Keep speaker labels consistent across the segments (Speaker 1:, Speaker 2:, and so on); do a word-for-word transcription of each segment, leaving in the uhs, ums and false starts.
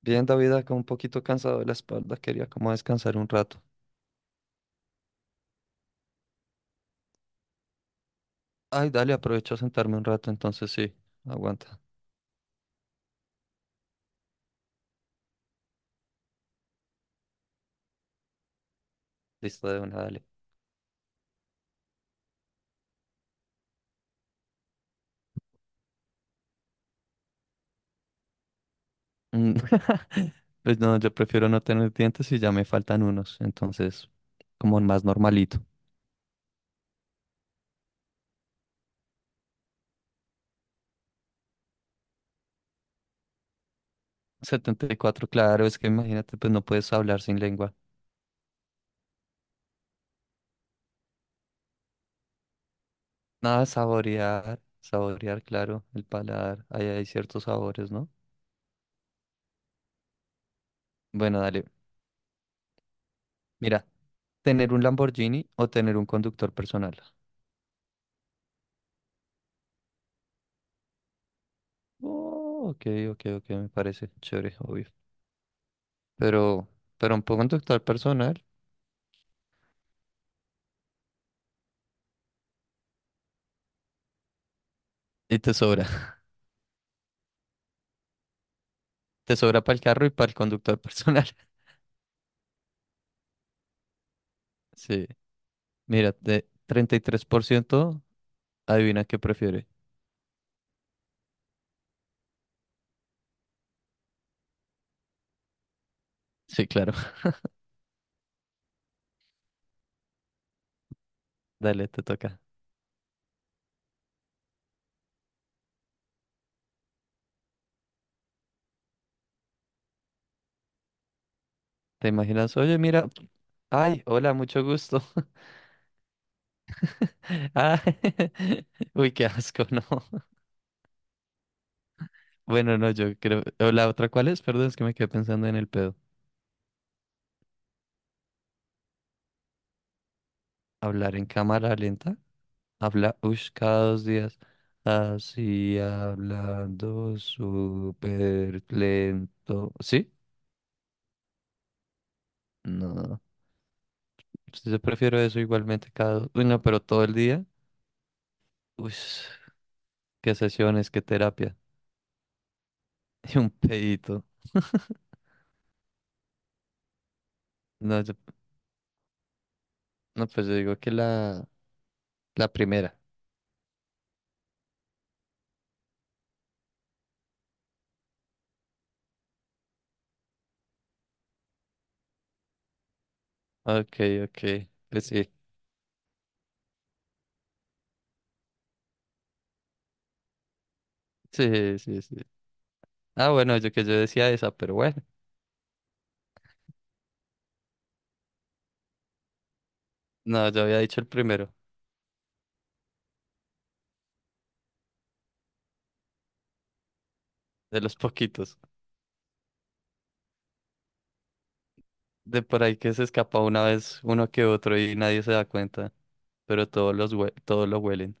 Speaker 1: Bien, David, acá un poquito cansado de la espalda, quería como descansar un rato. Ay, dale, aprovecho a sentarme un rato, entonces sí, aguanta. Listo de una, dale. Mm, Pues no, yo prefiero no tener dientes y ya me faltan unos, entonces como más normalito. Setenta y cuatro, claro, es que imagínate, pues no puedes hablar sin lengua. Nada, saborear, saborear, claro, el paladar, ahí hay ciertos sabores, ¿no? Bueno, dale, mira, tener un Lamborghini o tener un conductor personal. Oh, ok, ok, ok, me parece chévere, obvio. Pero, pero un conductor personal y te sobra. Te sobra para el carro y para el conductor personal. Sí. Mira, de treinta y tres por ciento, adivina qué prefiere. Sí, claro. Dale, te toca. ¿Te imaginas? Oye, mira. Ay, hola, mucho gusto. Ah, uy, qué asco, no. Bueno, no, yo creo. ¿O ¿La otra cuál es? Perdón, es que me quedé pensando en el pedo. ¿Hablar en cámara lenta? Habla, ush, cada dos días. Así hablando súper lento. ¿Sí? No. Yo prefiero eso igualmente cada... dos. Uy, no, pero todo el día. Uy, qué sesiones, qué terapia. Y un pedito. No, yo- no, pues yo digo que la, la primera. Ok, ok. Pues sí. Sí, sí, sí. Ah, bueno, yo que yo decía esa, pero bueno. No, yo había dicho el primero, de los poquitos. De por ahí que se escapa una vez uno que otro y nadie se da cuenta, pero todos los hue- todos lo huelen.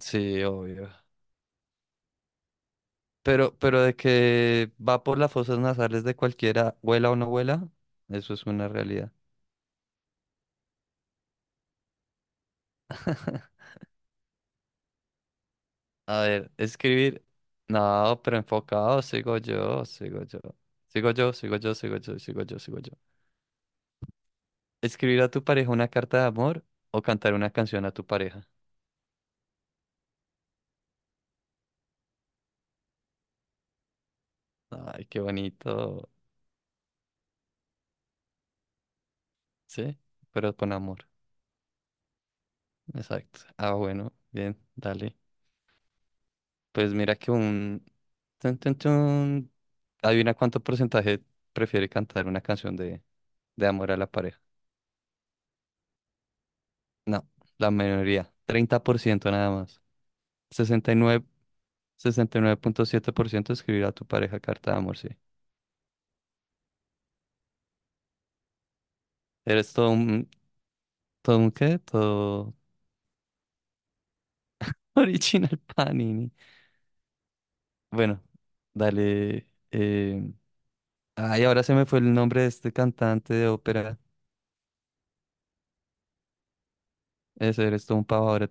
Speaker 1: Sí, obvio. Pero, pero de que va por las fosas nasales de cualquiera, huela o no huela, eso es una realidad. A ver, escribir. No, pero enfocado, sigo yo, sigo yo. Sigo yo, sigo yo, sigo yo, sigo yo, sigo yo. Escribir a tu pareja una carta de amor o cantar una canción a tu pareja. Ay, qué bonito. Sí, pero con amor. Exacto. Ah, bueno, bien, dale. Pues mira que un... Tun, tun, tun. Adivina cuánto porcentaje prefiere cantar una canción de, de amor a la pareja. No, la mayoría. Treinta por ciento nada más. sesenta sesenta y y nueve sesenta y nueve punto sesenta y nueve, sesenta y nueve punto siete por ciento escribir a tu pareja carta de amor, sí. Eres todo un... ¿Todo un qué? Todo original Panini. Bueno, dale. Eh... Ay, ahora se me fue el nombre de este cantante de ópera. Ese eres todo un pavo ahora.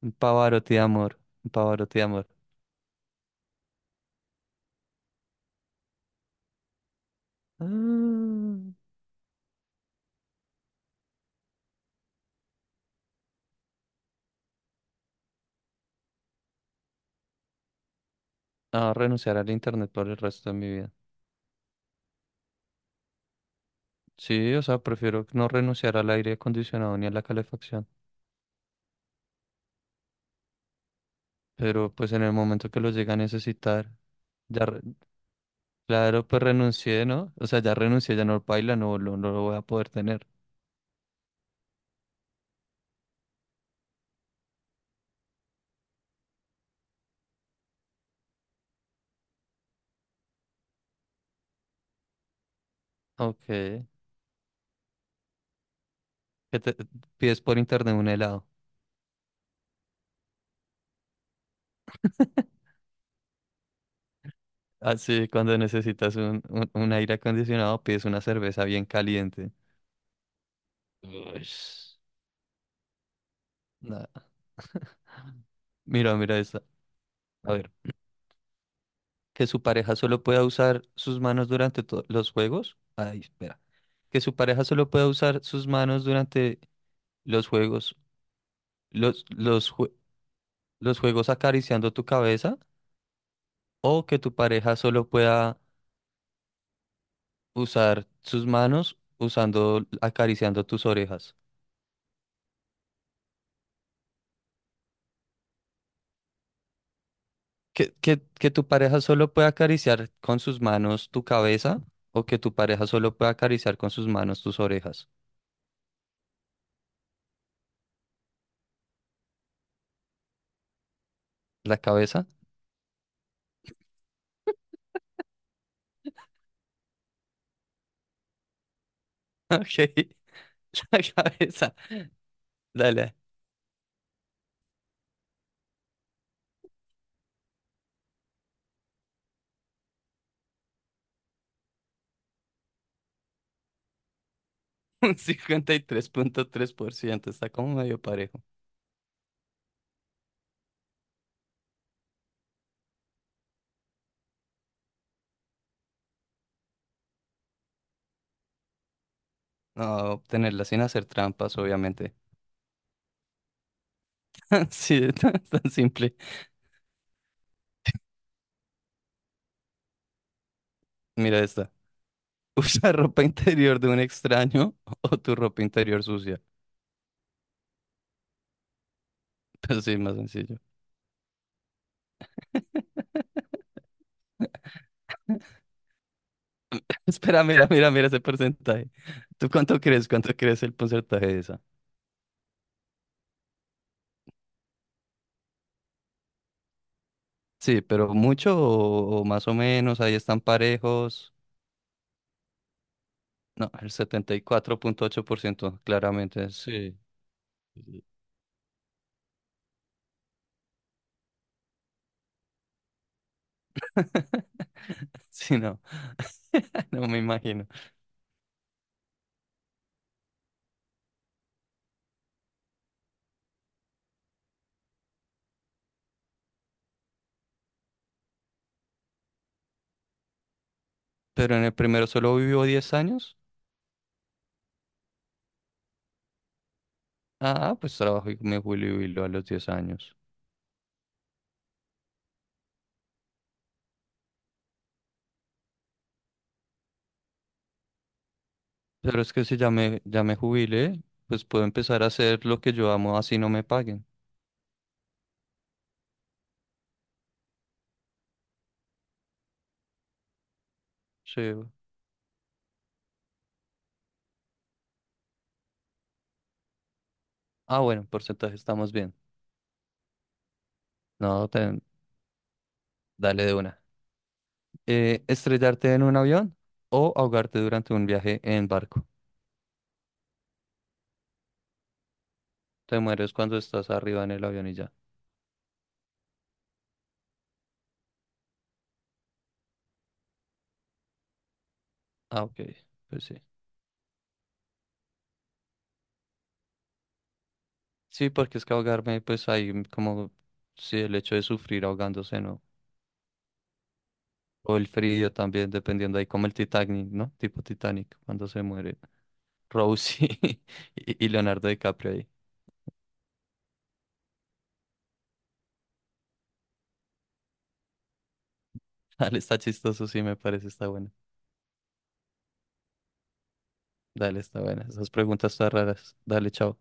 Speaker 1: Un pavarotti de amor. Un pavarotti de amor. Ah, a renunciar al internet por el resto de mi vida. Sí, o sea, prefiero no renunciar al aire acondicionado ni a la calefacción. Pero pues en el momento que lo llegue a necesitar, ya, re- claro, pues renuncié, ¿no? O sea, ya renuncié, ya no baila, no, lo- no lo voy a poder tener. Ok. ¿Qué te pides por internet un helado? Así, cuando necesitas un, un, un aire acondicionado, pides una cerveza bien caliente. Ush. Nah. Mira, mira esta. A ver, que su pareja solo pueda usar sus manos durante to- los juegos. Ay, espera. Que su pareja solo pueda usar sus manos durante los juegos, los, los, jue- los juegos acariciando tu cabeza. O que tu pareja solo pueda usar sus manos usando, acariciando tus orejas. Que, que, que tu pareja solo pueda acariciar con sus manos tu cabeza. O que tu pareja solo pueda acariciar con sus manos tus orejas. La cabeza. Ok. La cabeza, dale, un cincuenta y tres tres punto tres por ciento, está como medio parejo. No, obtenerla sin hacer trampas, obviamente. Sí, es tan es tan simple. Mira esta. Usa ropa interior de un extraño o tu ropa interior sucia. Pues sí, más sencillo. Espera, mira, mira, mira ese porcentaje. ¿Tú cuánto crees? ¿Cuánto crees el porcentaje de esa? Sí, pero mucho o, o más o menos, ahí están parejos. No, el setenta y cuatro punto ocho por ciento claramente. Sí, no. No me imagino. Pero en el primero solo vivió diez años. Ah, pues trabajo y me jubilo a los diez años. Pero es que si ya me, ya me jubilé, pues puedo empezar a hacer lo que yo amo, así no me paguen. Sí. Ah, bueno, porcentaje estamos bien. No, te- dale de una. Eh, estrellarte en un avión o ahogarte durante un viaje en barco. Te mueres cuando estás arriba en el avión y ya. Ah, ok. Pues sí. Sí, porque es que ahogarme, pues hay como, sí, el hecho de sufrir ahogándose, ¿no? O el frío también, dependiendo ahí, como el Titanic, ¿no? Tipo Titanic, cuando se muere Rose y, y y Leonardo DiCaprio ahí. Dale, está chistoso, sí, me parece, está bueno. Dale, está buena. Esas preguntas están raras. Dale, chao.